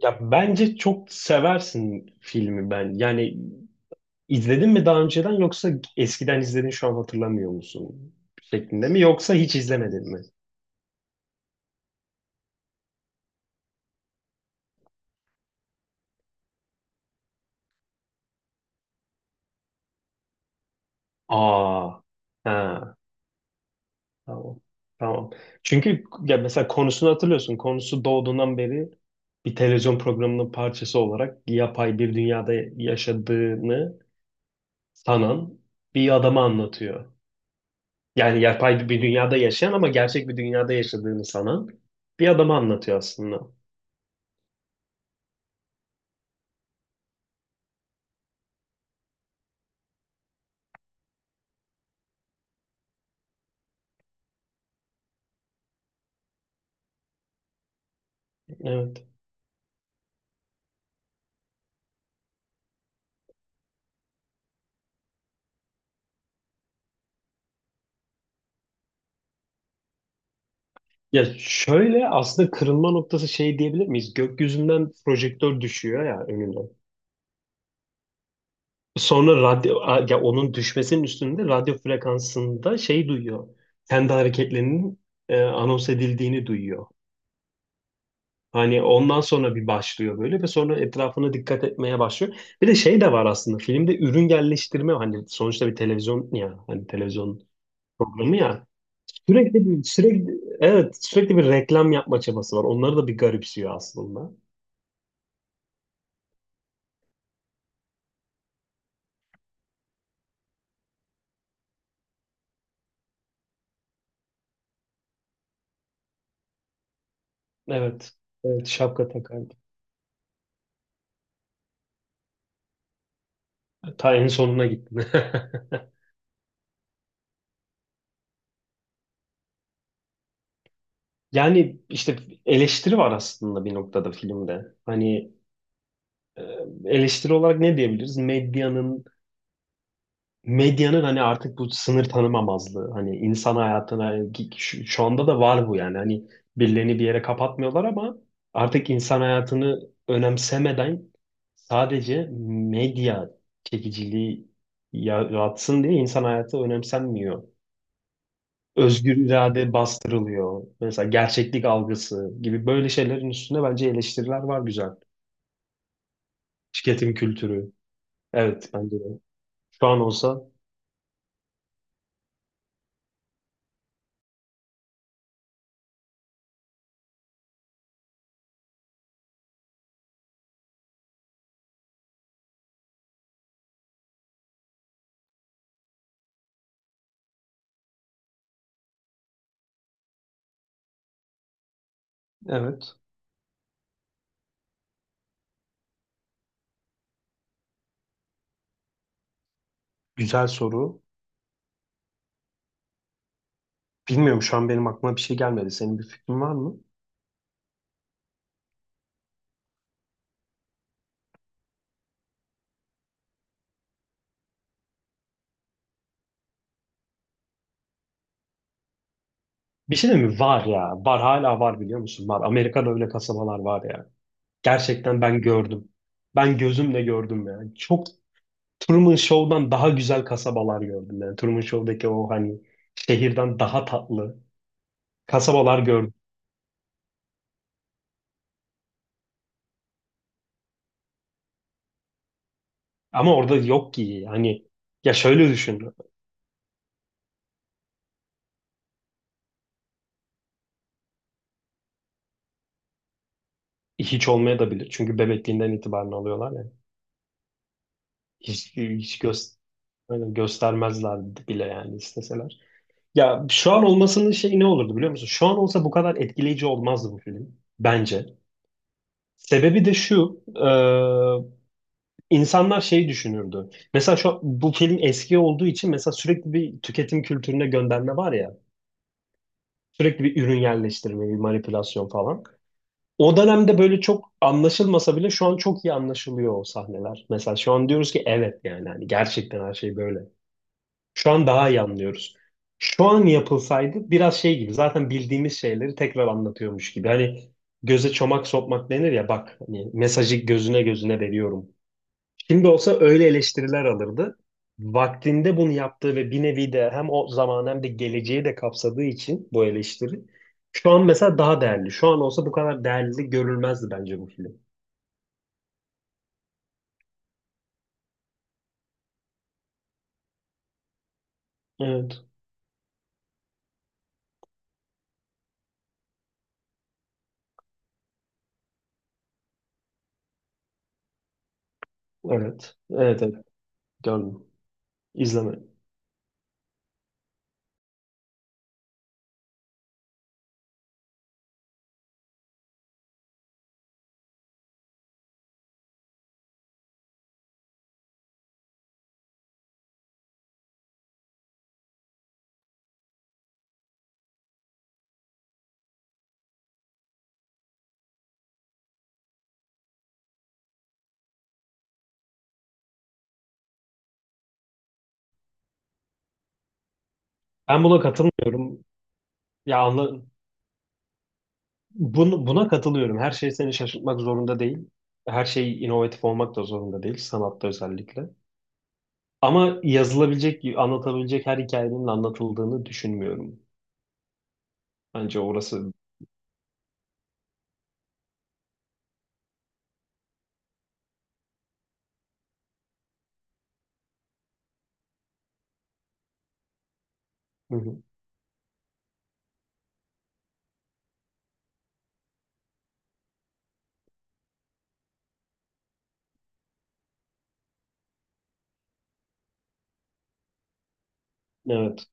Ya bence çok seversin filmi ben. Yani izledin mi daha önceden, yoksa eskiden izledin şu an hatırlamıyor musun? Şeklinde mi, yoksa hiç izlemedin mi? Aa. Ha, tamam. Tamam. Çünkü ya mesela konusunu hatırlıyorsun. Konusu doğduğundan beri bir televizyon programının parçası olarak yapay bir dünyada yaşadığını sanan bir adamı anlatıyor. Yani yapay bir dünyada yaşayan ama gerçek bir dünyada yaşadığını sanan bir adamı anlatıyor aslında. Evet. Ya şöyle, aslında kırılma noktası şey diyebilir miyiz? Gökyüzünden projektör düşüyor ya önüne. Sonra ya onun düşmesinin üstünde radyo frekansında şey duyuyor. Kendi hareketlerinin, anons edildiğini duyuyor. Hani ondan sonra bir başlıyor böyle ve sonra etrafına dikkat etmeye başlıyor. Bir de şey de var aslında filmde, ürün yerleştirme. Hani sonuçta bir televizyon, ya hani televizyon programı ya. Sürekli bir sürekli Evet, sürekli bir reklam yapma çabası var. Onları da bir garipsiyor aslında. Evet. Evet, şapka takardım. Ta en sonuna gittim. Yani işte eleştiri var aslında bir noktada filmde. Hani, e, eleştiri olarak ne diyebiliriz? medyanın hani artık bu sınır tanımamazlığı. Hani insan hayatına şu anda da var bu yani. Hani birilerini bir yere kapatmıyorlar ama artık insan hayatını önemsemeden, sadece medya çekiciliği yaratsın diye insan hayatı önemsenmiyor, özgür irade bastırılıyor. Mesela gerçeklik algısı gibi böyle şeylerin üstüne bence eleştiriler var, güzel. Tüketim kültürü. Evet, bence de. Şu an olsa, evet. Güzel soru. Bilmiyorum, şu an benim aklıma bir şey gelmedi. Senin bir fikrin var mı? Bir şey de mi? Var ya. Var, hala var, biliyor musun? Var. Amerika'da öyle kasabalar var ya. Gerçekten ben gördüm. Ben gözümle gördüm yani. Çok, Truman Show'dan daha güzel kasabalar gördüm yani. Truman Show'daki o, hani, şehirden daha tatlı kasabalar gördüm. Ama orada yok ki, hani. Ya şöyle düşün, hiç olmaya da bilir, çünkü bebekliğinden itibaren alıyorlar ya. hiç, hiç göz, Hani göstermezler bile yani isteseler. Ya şu an olmasının şey ne olurdu, biliyor musun? Şu an olsa bu kadar etkileyici olmazdı bu film bence. Sebebi de şu, insanlar şey düşünürdü. Bu film eski olduğu için, mesela, sürekli bir tüketim kültürüne gönderme var ya, sürekli bir ürün yerleştirme, bir manipülasyon falan. O dönemde böyle çok anlaşılmasa bile şu an çok iyi anlaşılıyor o sahneler. Mesela şu an diyoruz ki evet, yani hani gerçekten her şey böyle. Şu an daha iyi anlıyoruz. Şu an yapılsaydı biraz şey gibi, zaten bildiğimiz şeyleri tekrar anlatıyormuş gibi. Hani göze çomak sokmak denir ya, bak hani mesajı gözüne gözüne veriyorum. Şimdi olsa öyle eleştiriler alırdı. Vaktinde bunu yaptığı ve bir nevi de hem o zaman hem de geleceği de kapsadığı için bu eleştiri şu an mesela daha değerli. Şu an olsa bu kadar değerli görülmezdi bence bu film. Evet. Evet. Evet, evet. Gördüm. İzlemedim. Ben buna katılmıyorum. Ya buna katılıyorum. Her şey seni şaşırtmak zorunda değil. Her şey inovatif olmak da zorunda değil. Sanatta özellikle. Ama yazılabilecek, anlatabilecek her hikayenin anlatıldığını düşünmüyorum. Bence orası. Hı hı. Evet,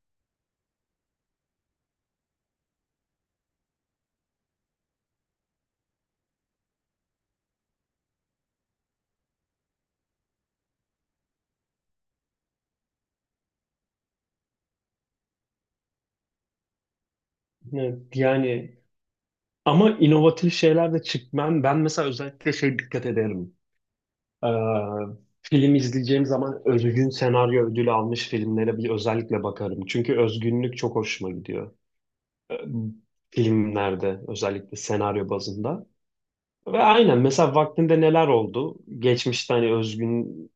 evet. Yani, ama inovatif şeyler de çıkmam. Ben mesela özellikle şey dikkat ederim. Ee, Film izleyeceğim zaman özgün senaryo ödülü almış filmlere bir özellikle bakarım. Çünkü özgünlük çok hoşuma gidiyor. Ee, Filmlerde özellikle senaryo bazında. Ve aynen, mesela vaktinde neler oldu? Geçmişte, hani, özgün,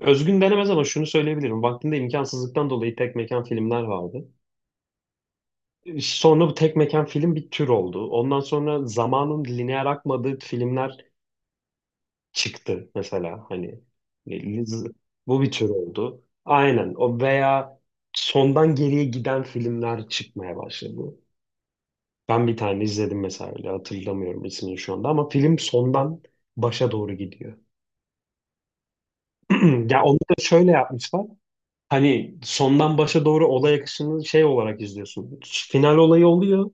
özgün denemez ama şunu söyleyebilirim: vaktinde imkansızlıktan dolayı tek mekan filmler vardı. Sonra bu tek mekan film bir tür oldu. Ondan sonra zamanın lineer akmadığı filmler çıktı, mesela, hani, e, bu bir tür oldu. Aynen o, veya sondan geriye giden filmler çıkmaya başladı. Ben bir tane izledim mesela, öyle, hatırlamıyorum ismini şu anda, ama film sondan başa doğru gidiyor. Ya onu da şöyle yapmışlar. Hani sondan başa doğru olay akışını şey olarak izliyorsun. Final olayı oluyor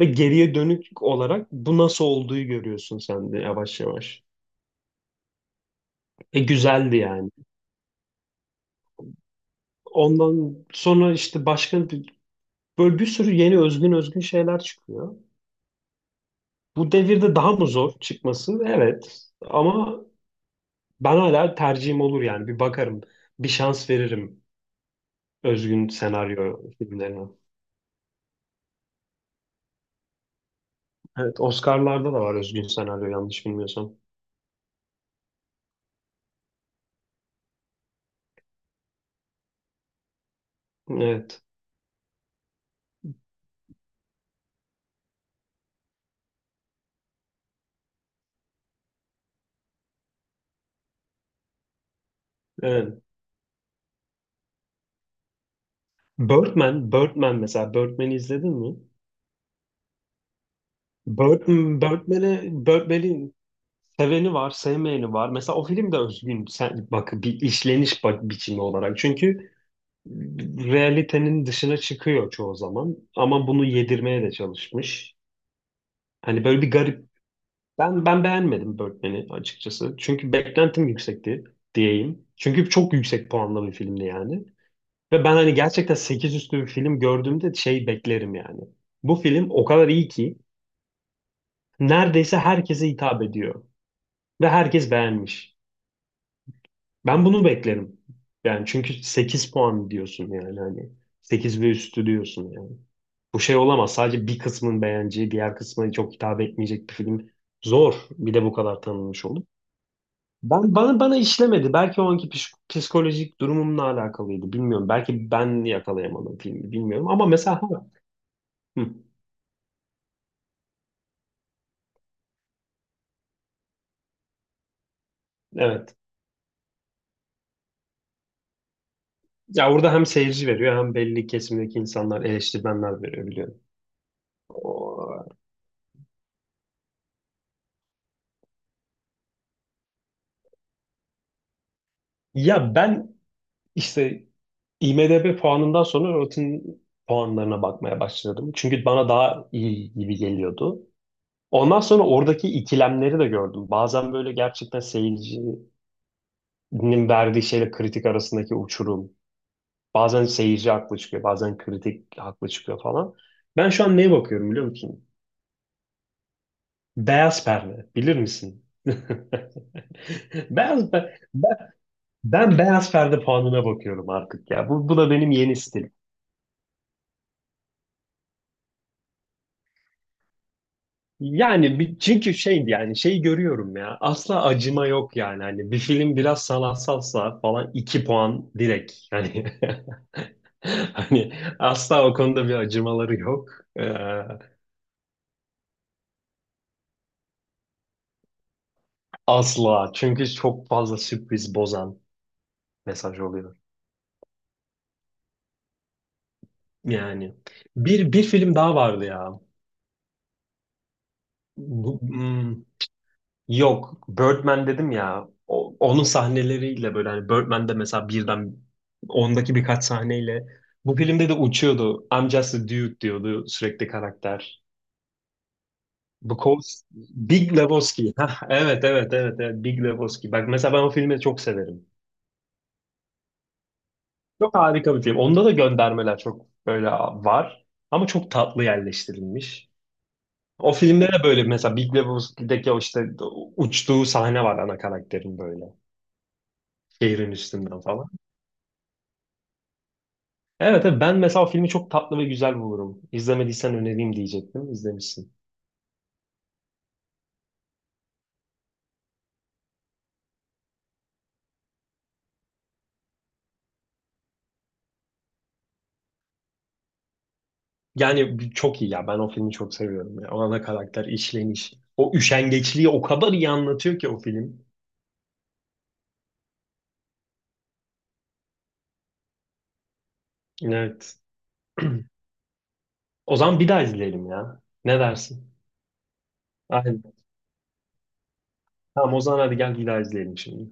ve geriye dönük olarak bu nasıl olduğu görüyorsun sen de, yavaş yavaş. E, güzeldi yani. Ondan sonra işte böyle bir sürü yeni özgün, özgün şeyler çıkıyor. Bu devirde daha mı zor çıkması? Evet. Ama ben hala tercihim olur yani. Bir bakarım. Bir şans veririm özgün senaryo filmlerine. Evet, Oscar'larda da var özgün senaryo, yanlış bilmiyorsam. Evet. Evet. Birdman mesela, Birdman'i izledin mi? Birdman, Birdman'e, Birdman'in seveni var, sevmeyeni var. Mesela o film de özgün bak, bir işleniş, bak, biçimi olarak. Çünkü realitenin dışına çıkıyor çoğu zaman ama bunu yedirmeye de çalışmış. Hani böyle bir garip. Ben beğenmedim Birdman'i açıkçası. Çünkü beklentim yüksekti diyeyim. Çünkü çok yüksek puanlı bir filmdi yani. Ve ben hani gerçekten 8 üstü bir film gördüğümde şey beklerim yani: bu film o kadar iyi ki neredeyse herkese hitap ediyor ve herkes beğenmiş. Ben bunu beklerim. Yani çünkü 8 puan diyorsun, yani hani, 8 ve üstü diyorsun yani. Bu şey olamaz, sadece bir kısmın beğeneceği, diğer kısmına çok hitap etmeyecek bir film. Zor. Bir de bu kadar tanınmış olup. Ben, bana işlemedi. Belki o anki psikolojik durumumla alakalıydı, bilmiyorum. Belki ben yakalayamadım filmi, bilmiyorum. Ama mesela, ha, hı, evet. Ya orada hem seyirci veriyor, hem belli kesimdeki insanlar, eleştirmenler veriyor, biliyorum. Ya ben işte IMDb puanından sonra Rotten puanlarına bakmaya başladım. Çünkü bana daha iyi gibi geliyordu. Ondan sonra oradaki ikilemleri de gördüm. Bazen böyle gerçekten seyircinin verdiği şeyle kritik arasındaki uçurum. Bazen seyirci haklı çıkıyor, bazen kritik haklı çıkıyor falan. Ben şu an neye bakıyorum, biliyor musun? Beyaz perde. Bilir misin? Beyaz pe- ben, ben beyaz perde puanına bakıyorum artık ya. Bu da benim yeni stilim. Yani çünkü şey, yani şeyi görüyorum ya, asla acıma yok yani. Hani bir film biraz sanatsalsa falan 2 puan direkt yani. Hani asla o konuda bir acımaları yok. Ee, Asla, çünkü çok fazla sürpriz bozan mesaj oluyor yani. Bir film daha vardı ya, bu, hmm, yok, Birdman dedim ya. Onun sahneleriyle böyle, hani, Birdman'de mesela birden, ondaki birkaç sahneyle bu filmde de uçuyordu. I'm just a dude diyordu sürekli karakter. Because Big Lebowski. Hah, evet, evet, evet, evet. Big Lebowski. Bak mesela, ben o filmi çok severim. Çok harika bir film. Onda da göndermeler çok böyle var. Ama çok tatlı yerleştirilmiş. O filmde de böyle, mesela, Big Lebowski'deki o, işte, uçtuğu sahne var ana karakterin böyle. Şehrin üstünden falan. Evet, evet, ben mesela o filmi çok tatlı ve güzel bulurum. İzlemediysen önereyim diyecektim, İzlemişsin. Yani çok iyi ya. Ben o filmi çok seviyorum. Ya. O ana karakter işleniş. O üşengeçliği o kadar iyi anlatıyor ki o film. Evet. O zaman bir daha izleyelim ya, ne dersin? Aynen. Tamam, o zaman hadi gel, bir daha izleyelim şimdi.